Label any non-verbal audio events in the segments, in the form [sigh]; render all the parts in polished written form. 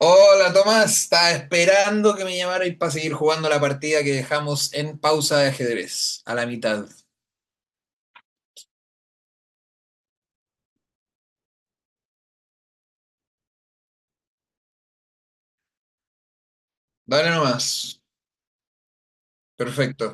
Hola Tomás, estaba esperando que me llamarais para seguir jugando la partida que dejamos en pausa de ajedrez, a la mitad. Dale nomás. Perfecto.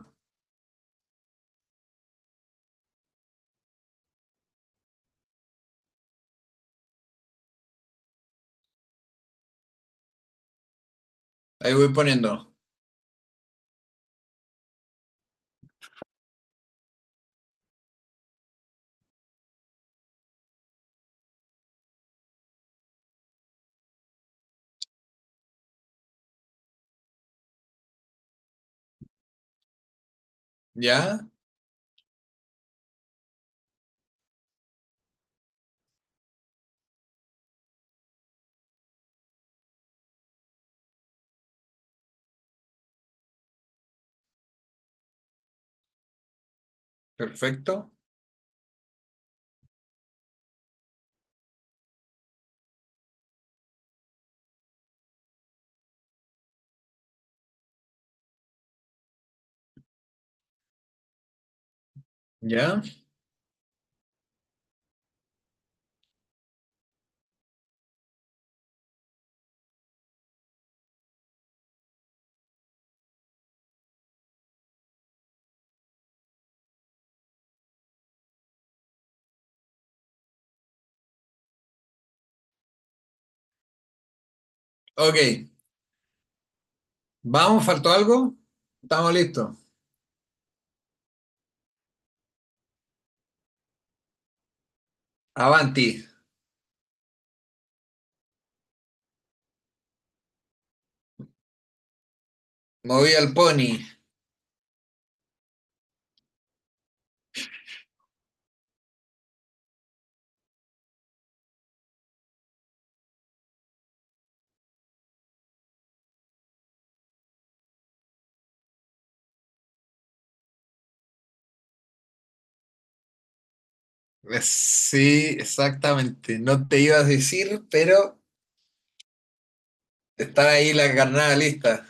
Ahí voy poniendo. Ya, perfecto. Ya. Ok, vamos, ¿faltó algo? Estamos listos. Avanti, moví al pony. Sí, exactamente. No te ibas a decir, pero está ahí la carnada lista.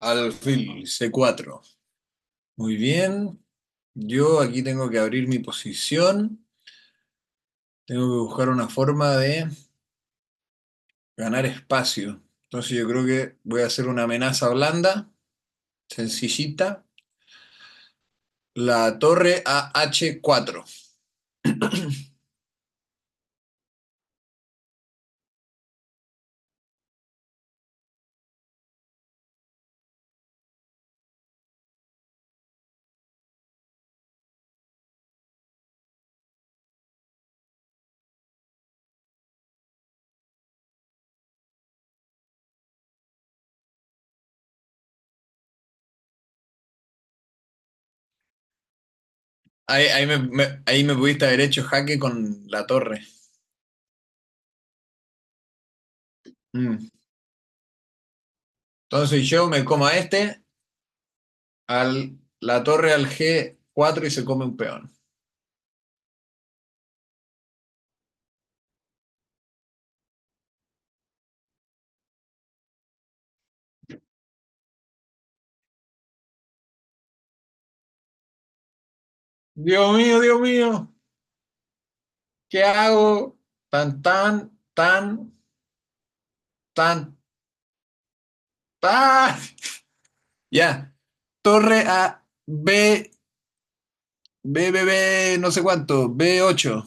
Alfil C4. Muy bien. Yo aquí tengo que abrir mi posición. Tengo que buscar una forma de ganar espacio. Entonces yo creo que voy a hacer una amenaza blanda, sencillita. La torre a h cuatro. Ahí me pudiste haber hecho jaque con la torre. Mm. Entonces yo me como a este, al, la torre al g cuatro y se come un peón. Dios mío, ¿qué hago? Tan, tan, tan, tan, tan. Ya. Torre a B, no sé cuánto, b ocho.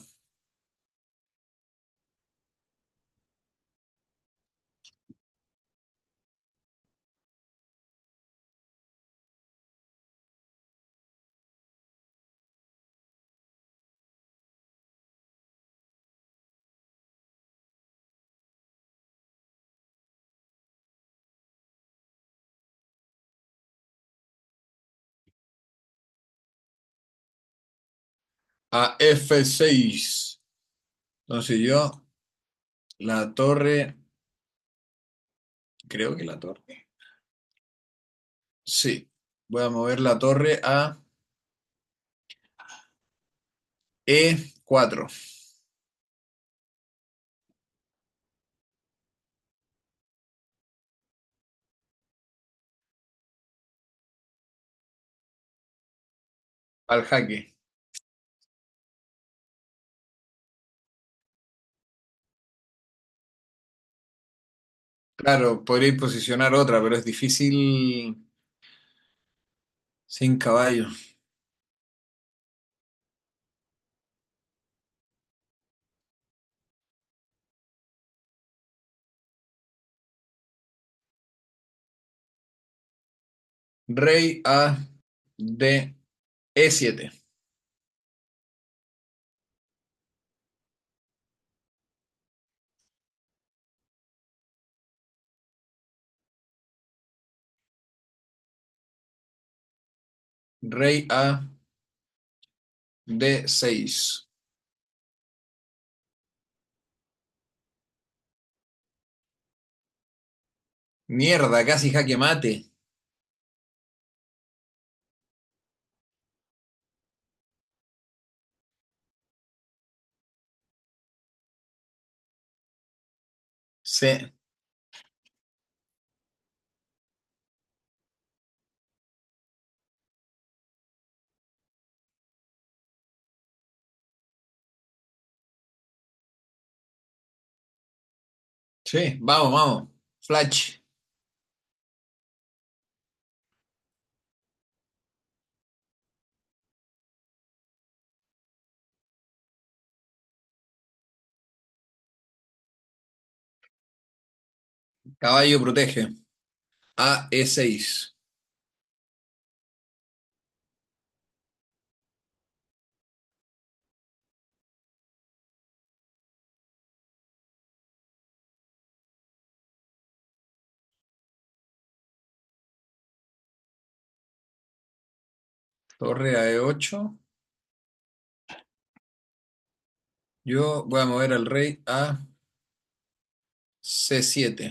A f seis. Entonces yo, la torre, creo que la torre. Sí. Voy a mover la torre a e cuatro al jaque. Claro, podría posicionar otra, pero es difícil sin caballo. Rey a D, e siete. Rey a d seis. Mierda, casi jaque mate. C. Sí, vamos, vamos. Flash, caballo protege. A E6, torre a E8. Yo voy a mover al rey a C7.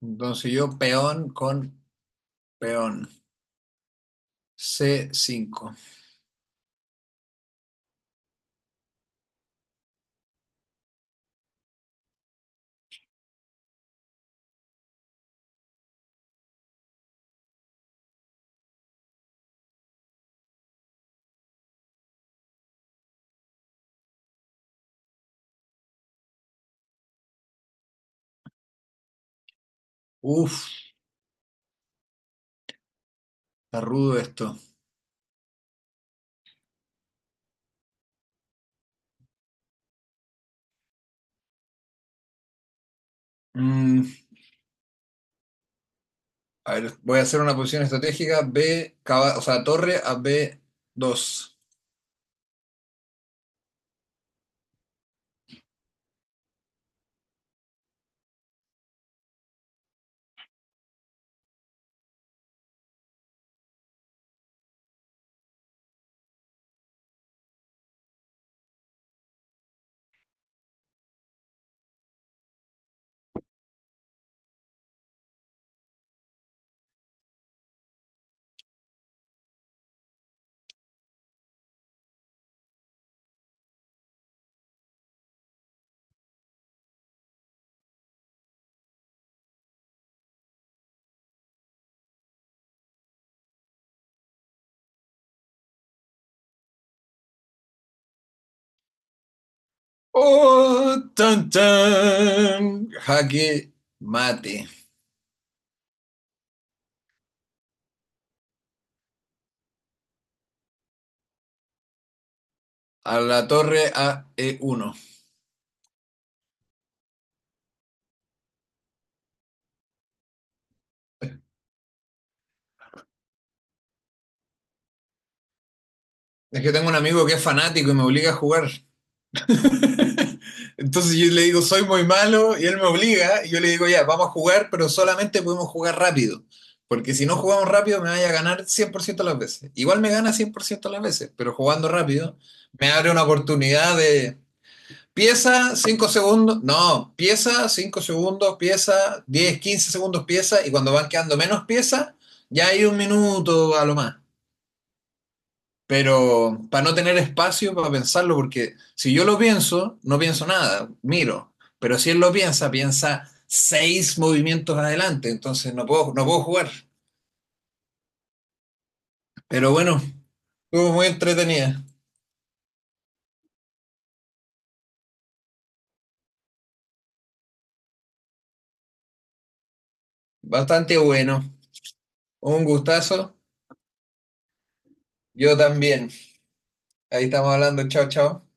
Entonces yo peón con peón. C5. Uf, está rudo esto. Mm, a ver, voy a hacer una posición estratégica B, caba- o sea, torre a B2. ¡Oh! ¡Tan, tan! Jaque mate. A la torre a E1. Es que tengo un amigo que es fanático y me obliga a jugar. [laughs] Entonces yo le digo, soy muy malo, y él me obliga, y yo le digo, ya, vamos a jugar, pero solamente podemos jugar rápido. Porque si no jugamos rápido, me vaya a ganar 100% las veces. Igual me gana 100% las veces, pero jugando rápido me abre una oportunidad de pieza, 5 segundos, no, pieza, 5 segundos, pieza, 10 15 segundos, pieza, y cuando van quedando menos piezas, ya hay un minuto a lo más. Pero para no tener espacio para pensarlo, porque si yo lo pienso, no pienso nada, miro, pero si él lo piensa, piensa seis movimientos adelante, entonces no puedo, no puedo jugar. Pero bueno, estuvo muy entretenida, bastante bueno, un gustazo, yo también. Ahí estamos hablando, chao, chao.